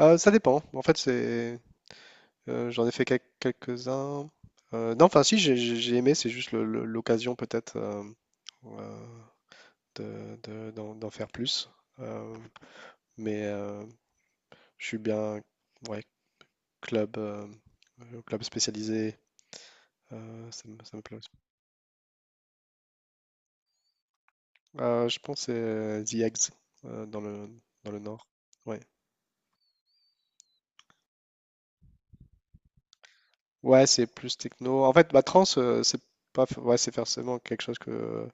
Ça dépend. En fait, j'en ai fait quelques-uns. Non, enfin, si, j'ai aimé, c'est juste l'occasion peut-être euh, d'en faire plus. Euh, mais je suis bien, ouais, club, club spécialisé, ça me plaît aussi. Je pense que c'est The Eggs, euh, dans le, dans le Nord. Ouais, ouais, c'est plus techno. En fait, ma trance, c'est pas, f- ouais, c'est forcément quelque chose que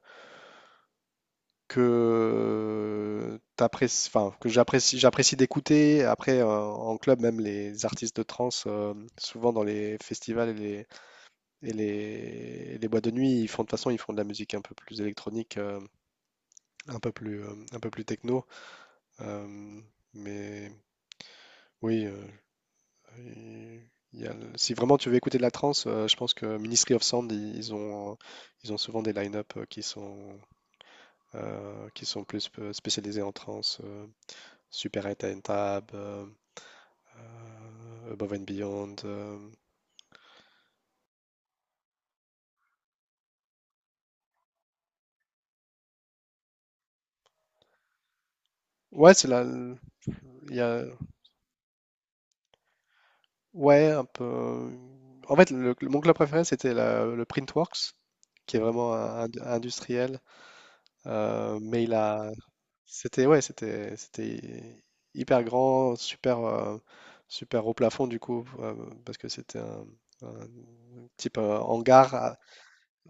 que t'apprécies, enfin, que j'apprécie d'écouter. Après, en club, même les artistes de trance, souvent dans les festivals et les boîtes de nuit, ils font de toute façon, ils font de la musique un peu plus électronique, un peu plus techno. Euh, mais oui, il- il y a si vraiment tu veux écouter de la trance, je pense que Ministry of Sound, ils ont souvent des line-up, qui sont plus spécialisés en trance. Super 8 and Tab, Above and Beyond. Ouais, c'est là. Il y a... Ouais, un peu. En fait, mon club préféré, c'était le Printworks, qui est vraiment industriel. Mais il a. C'était, ouais, c'était hyper grand, super, super haut plafond, du coup, parce que c'était un type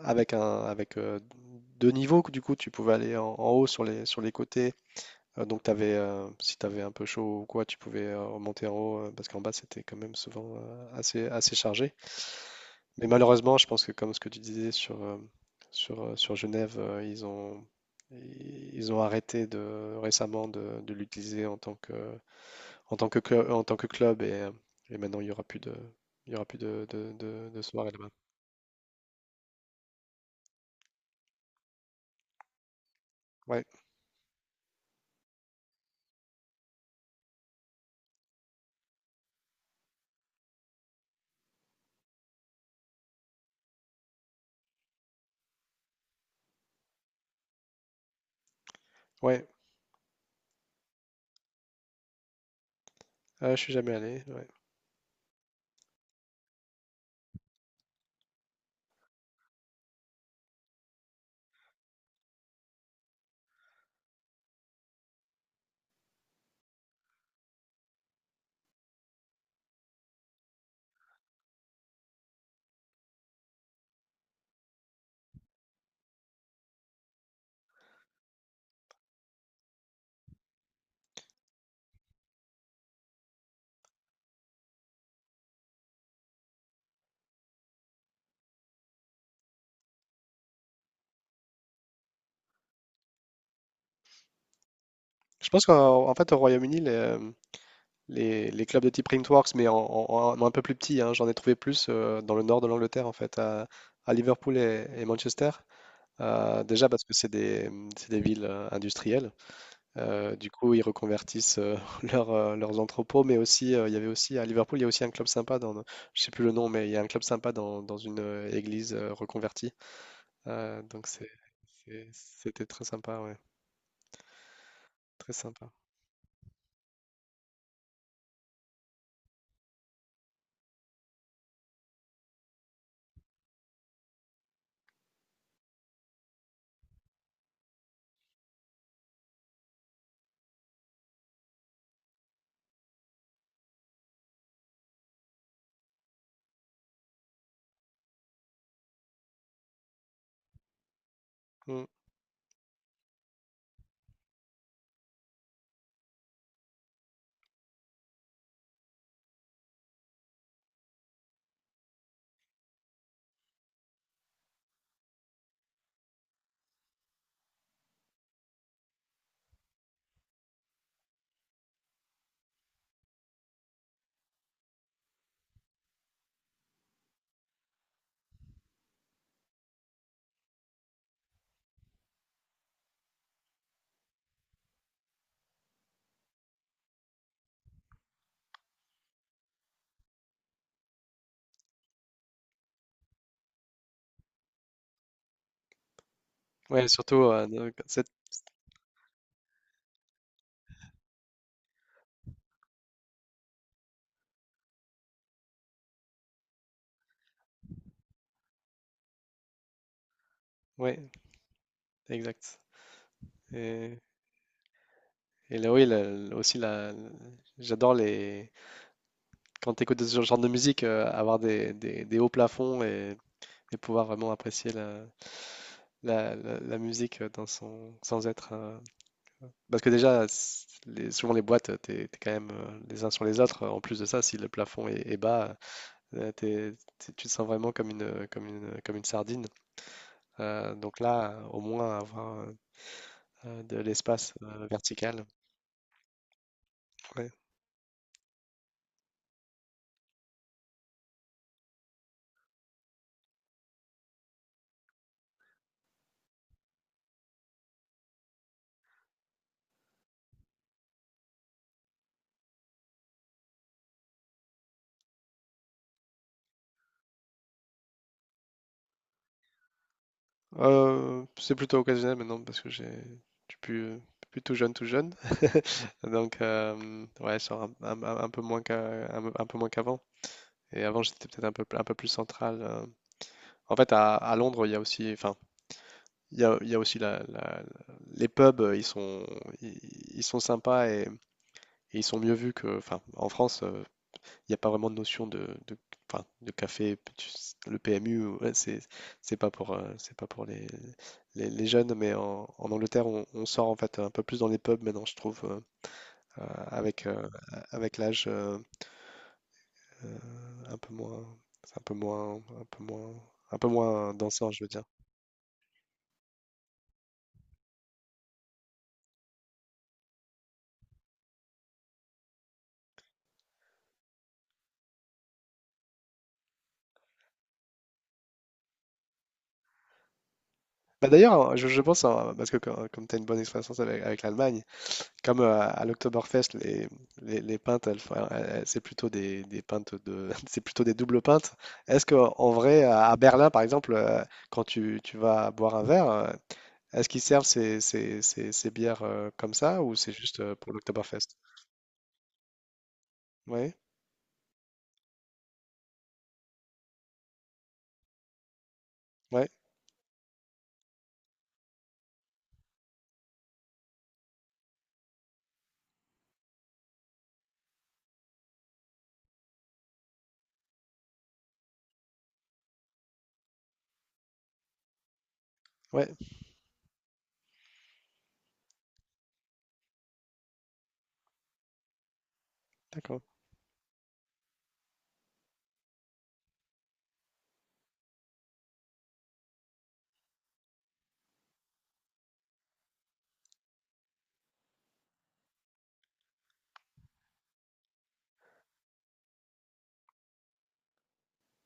avec avec deux niveaux. Du coup, tu pouvais aller en haut sur sur les côtés. Donc si tu avais un peu chaud ou quoi, tu pouvais remonter en haut, parce qu'en bas c'était quand même souvent assez chargé. Mais malheureusement, je pense que comme ce que tu disais sur Genève, ils ont arrêté récemment de l'utiliser en tant que club et maintenant il y aura plus de soirée là-bas. Ouais, ouais, je suis jamais allé. Ouais. Je pense qu'en en fait au Royaume-Uni, les clubs de type Printworks, mais en un peu plus petit, hein. J'en ai trouvé plus dans le nord de l'Angleterre, en fait, à Liverpool et Manchester. Déjà parce que c'est des villes industrielles. Du coup, ils reconvertissent leurs entrepôts, mais aussi, il y avait aussi à Liverpool, il y a aussi un club sympa je sais plus le nom, mais il y a un club sympa dans une église reconvertie. Donc c'était très sympa, ouais, très sympa. Mm. Ouais, surtout, ouais, exact. Et Et là, oui, aussi, j'adore les... quand tu écoutes ce genre de musique, avoir des hauts plafonds et pouvoir vraiment apprécier la musique dans son... sans être... parce que déjà, souvent les boîtes, t'es quand même les uns sur les autres. En plus de ça, si le plafond est bas, tu te sens vraiment comme une sardine. Donc là, au moins, avoir de l'espace vertical. Ouais. C'est plutôt occasionnel maintenant parce que j'ai je suis plus, plus tout jeune, tout jeune. Donc ouais, je sors un peu moins qu'à un peu moins qu'avant, et avant, j'étais peut-être un peu plus central. En fait, à Londres, il y a aussi enfin, il y a aussi la les pubs, ils ils sont sympas et ils sont mieux vus que enfin, en France, il n'y a pas vraiment de notion de, enfin, de café. Le PMU, ouais, c'est pas pour les jeunes, mais en Angleterre, on sort en fait un peu plus dans les pubs maintenant, je trouve, euh, avec, euh, avec l'âge, euh, un peu moins, c'est un peu moins, un peu moins, un peu moins dansant, je veux dire. Bah d'ailleurs, je pense, hein, parce que comme, tu as une bonne expérience avec l'Allemagne. Comme à l'Oktoberfest, les pintes, c'est plutôt des pintes de, c'est plutôt des doubles pintes. Est-ce que en vrai, à Berlin, par exemple, quand tu vas boire un verre, est-ce qu'ils servent ces bières, comme ça, ou c'est juste pour l'Oktoberfest? Oui, ouais, ouais, d'accord.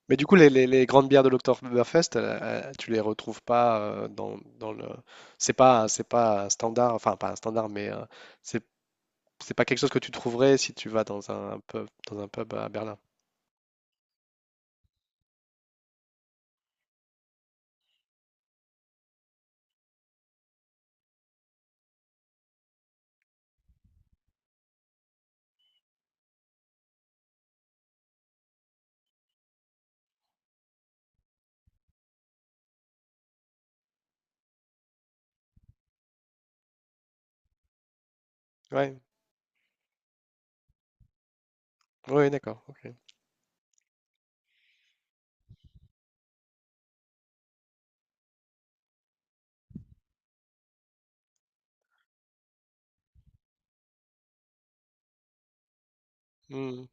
Mais du coup, les grandes bières de l'Oktoberfest, tu les retrouves pas dans le. C'est pas un standard, enfin pas un standard, mais c'est c'est pas quelque chose que tu trouverais si tu vas dans un pub à Berlin? Ouais. Ouais, d'accord, OK. Mmh.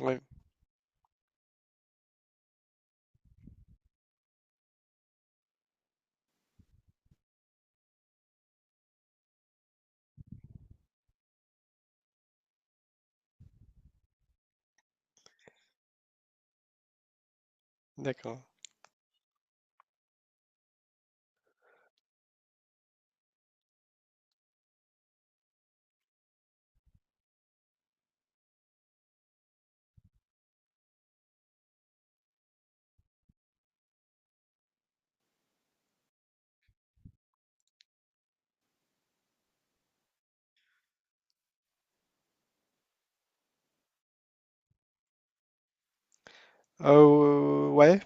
Ouais, d'accord. Ouais,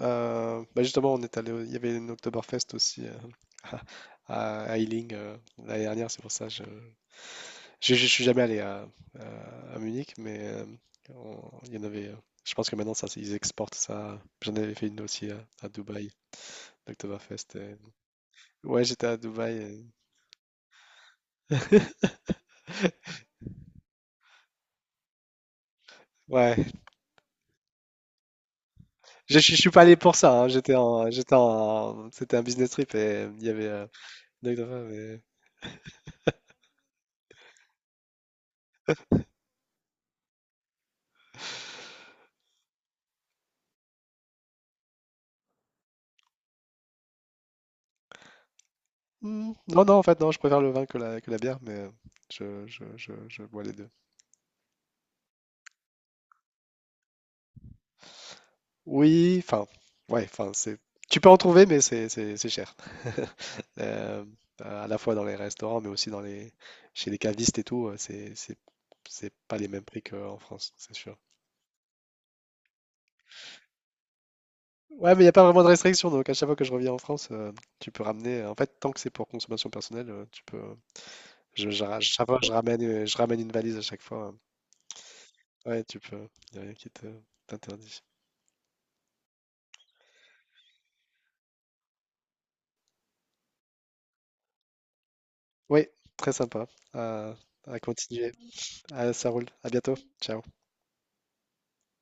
bah, justement, on est allé au il y avait une Oktoberfest aussi, à Ealing, l'année dernière. C'est pour ça je suis jamais allé à Munich, mais on il y en avait, je pense que maintenant ça ils exportent ça. J'en avais fait une aussi à Dubaï, l'Oktoberfest. Et ouais, j'étais à Dubaï et ouais. Je suis pas allé pour ça, hein. C'était un business trip et il y avait une anecdote, mais- Hmm, non, non, en fait, non, je préfère le vin que que la bière, mais je bois les deux. Oui, enfin, ouais, enfin, tu peux en trouver, mais c'est cher. À la fois dans les restaurants, mais aussi chez les cavistes et tout, c'est pas les mêmes prix qu'en France, c'est sûr. Ouais, mais il n'y a pas vraiment de restriction, donc à chaque fois que je reviens en France, tu peux ramener, en fait, tant que c'est pour consommation personnelle, tu peux. Chaque fois, je ramène une valise à chaque fois, hein. Ouais, tu peux. Il n'y a rien t'interdit. Oui, très sympa à à continuer. Ah, ça roule. À bientôt. Ciao.